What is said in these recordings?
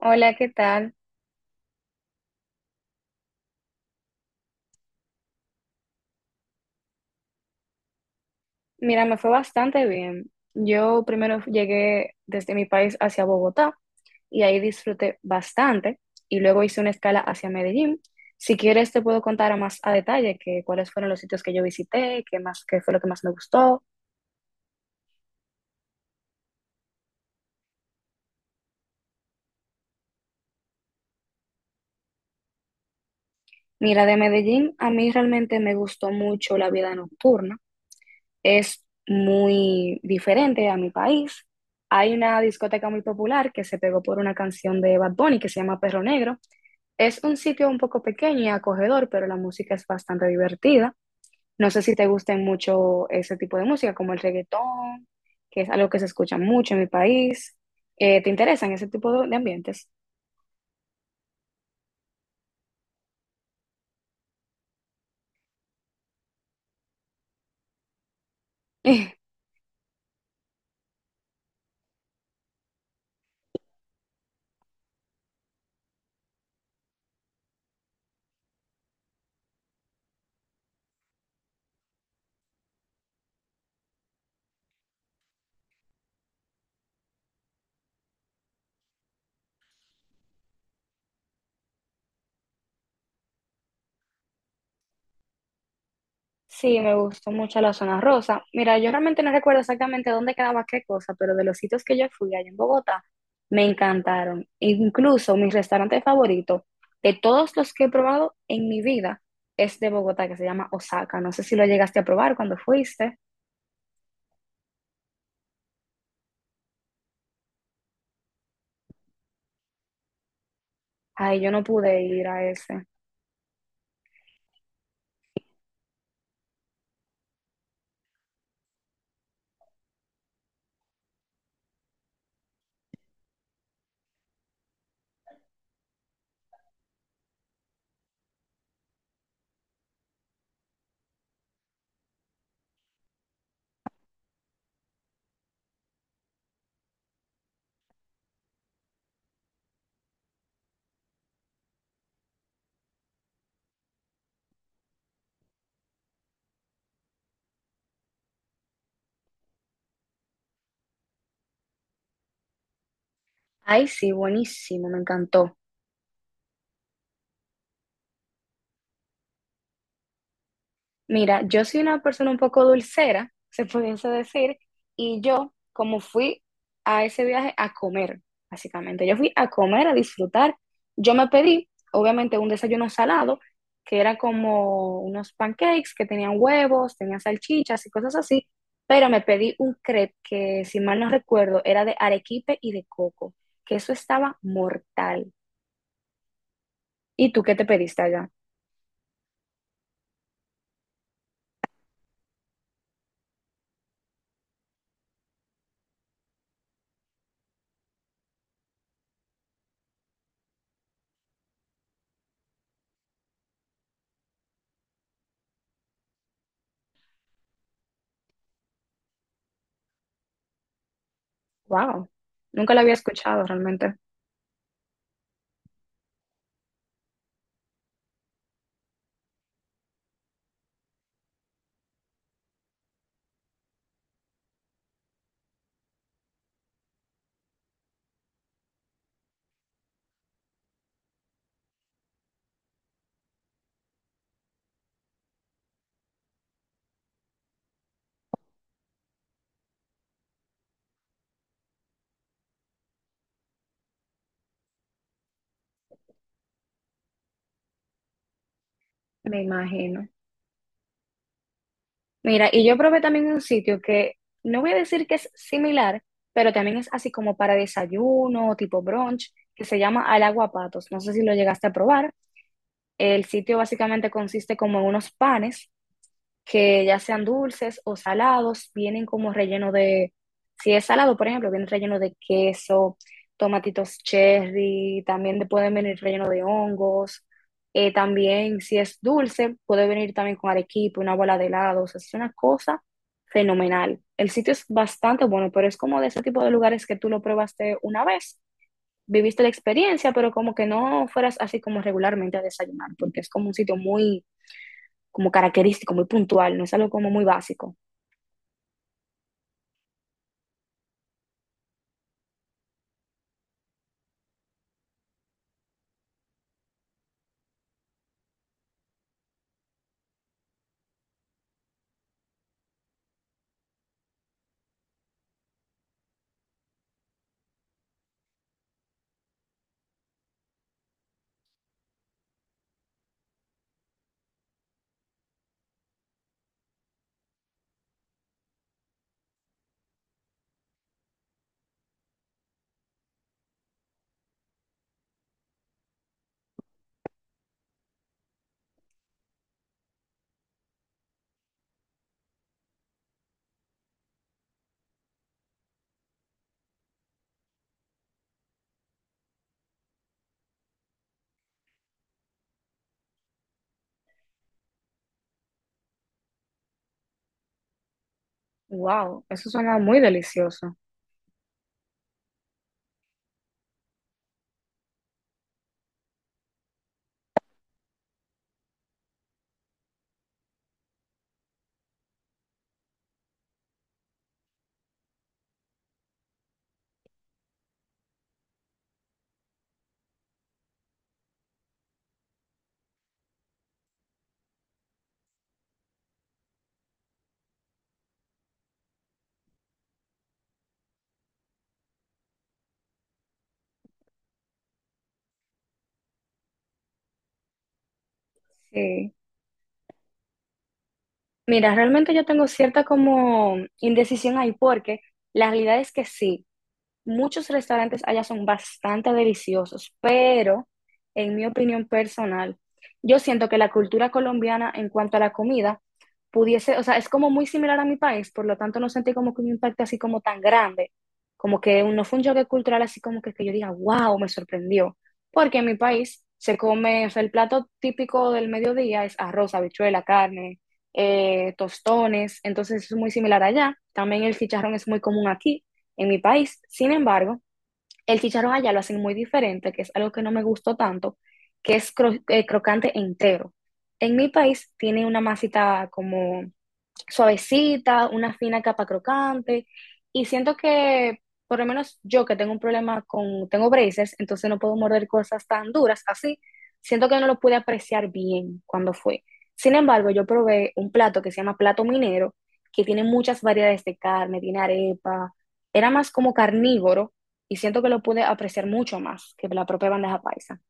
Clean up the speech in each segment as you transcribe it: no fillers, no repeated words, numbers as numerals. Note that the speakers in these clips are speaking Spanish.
Hola, ¿qué tal? Mira, me fue bastante bien. Yo primero llegué desde mi país hacia Bogotá y ahí disfruté bastante y luego hice una escala hacia Medellín. Si quieres te puedo contar a más a detalle que cuáles fueron los sitios que yo visité, qué más, qué fue lo que más me gustó. Mira, de Medellín a mí realmente me gustó mucho la vida nocturna. Es muy diferente a mi país. Hay una discoteca muy popular que se pegó por una canción de Bad Bunny que se llama Perro Negro. Es un sitio un poco pequeño y acogedor, pero la música es bastante divertida. No sé si te gusten mucho ese tipo de música, como el reggaetón, que es algo que se escucha mucho en mi país. ¿Te interesan ese tipo de ambientes? Sí, me gustó mucho la zona rosa. Mira, yo realmente no recuerdo exactamente dónde quedaba qué cosa, pero de los sitios que yo fui allá en Bogotá, me encantaron. Incluso mi restaurante favorito de todos los que he probado en mi vida es de Bogotá, que se llama Osaka. No sé si lo llegaste a probar cuando fuiste. Ay, yo no pude ir a ese. Ay, sí, buenísimo, me encantó. Mira, yo soy una persona un poco dulcera, se pudiese decir, y yo, como fui a ese viaje a comer, básicamente, yo fui a comer, a disfrutar, yo me pedí, obviamente, un desayuno salado, que era como unos pancakes que tenían huevos, tenían salchichas y cosas así, pero me pedí un crepe que, si mal no recuerdo, era de arequipe y de coco, que eso estaba mortal. ¿Y tú qué te pediste allá? Wow, nunca lo había escuchado realmente, me imagino. Mira, y yo probé también un sitio que no voy a decir que es similar, pero también es así como para desayuno, tipo brunch, que se llama Al Agua Patos. No sé si lo llegaste a probar. El sitio básicamente consiste como en unos panes que ya sean dulces o salados, vienen como relleno de, si es salado, por ejemplo, viene relleno de queso, tomatitos cherry, también te pueden venir relleno de hongos, también si es dulce, puede venir también con arequipe, una bola de helado, o sea, es una cosa fenomenal. El sitio es bastante bueno, pero es como de ese tipo de lugares que tú lo probaste una vez, viviste la experiencia, pero como que no fueras así como regularmente a desayunar, porque es como un sitio muy como característico, muy puntual, no es algo como muy básico. Wow, eso suena muy delicioso. Sí. Mira, realmente yo tengo cierta como indecisión ahí porque la realidad es que sí. Muchos restaurantes allá son bastante deliciosos, pero en mi opinión personal, yo siento que la cultura colombiana en cuanto a la comida pudiese, o sea, es como muy similar a mi país, por lo tanto no sentí como que un impacto así como tan grande, como que no fue un choque cultural así como que yo diga, wow, me sorprendió, porque en mi país se come, o sea, el plato típico del mediodía es arroz, habichuela, carne, tostones, entonces es muy similar allá, también el chicharrón es muy común aquí en mi país. Sin embargo, el chicharrón allá lo hacen muy diferente, que es algo que no me gustó tanto, que es crocante entero. En mi país tiene una masita como suavecita, una fina capa crocante. Y siento que, por lo menos yo que tengo un problema con, tengo braces, entonces no puedo morder cosas tan duras así, siento que no lo pude apreciar bien cuando fue. Sin embargo, yo probé un plato que se llama plato minero, que tiene muchas variedades de carne, tiene arepa, era más como carnívoro y siento que lo pude apreciar mucho más que la propia bandeja paisa.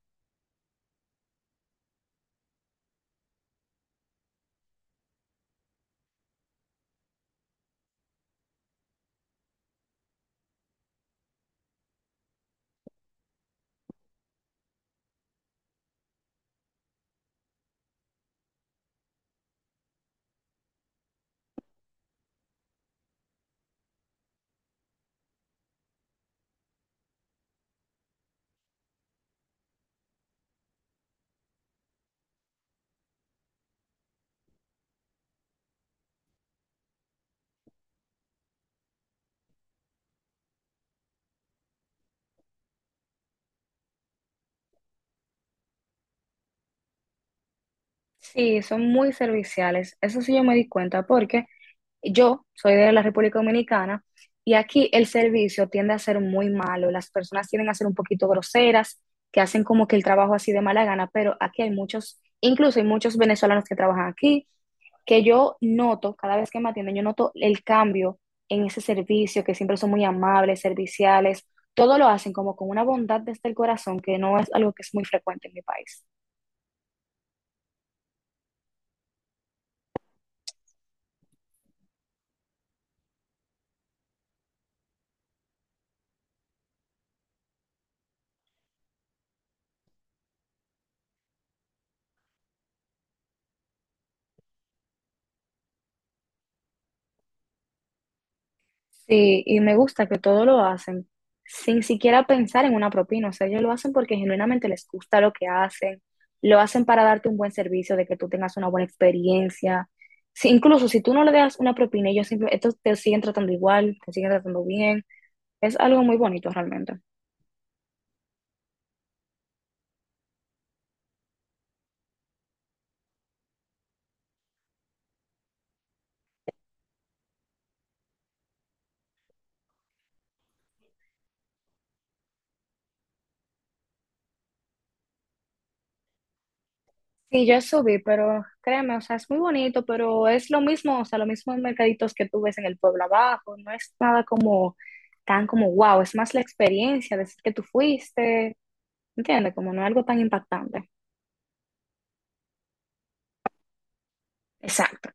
Sí, son muy serviciales, eso sí yo me di cuenta porque yo soy de la República Dominicana y aquí el servicio tiende a ser muy malo. Las personas tienden a ser un poquito groseras, que hacen como que el trabajo así de mala gana, pero aquí hay muchos, incluso hay muchos venezolanos que trabajan aquí, que yo noto, cada vez que me atienden, yo noto el cambio en ese servicio, que siempre son muy amables, serviciales, todo lo hacen como con una bondad desde el corazón, que no es algo que es muy frecuente en mi país. Sí, y me gusta que todo lo hacen sin siquiera pensar en una propina. O sea, ellos lo hacen porque genuinamente les gusta lo que hacen. Lo hacen para darte un buen servicio, de que tú tengas una buena experiencia. Incluso si tú no le das una propina, ellos estos te siguen tratando igual, te siguen tratando bien. Es algo muy bonito realmente. Sí, yo subí, pero créeme, o sea, es muy bonito, pero es lo mismo, o sea, los mismos mercaditos que tú ves en el pueblo abajo. No es nada como tan como wow, es más la experiencia, decir que tú fuiste. ¿Entiendes? Como no es algo tan impactante. Exacto.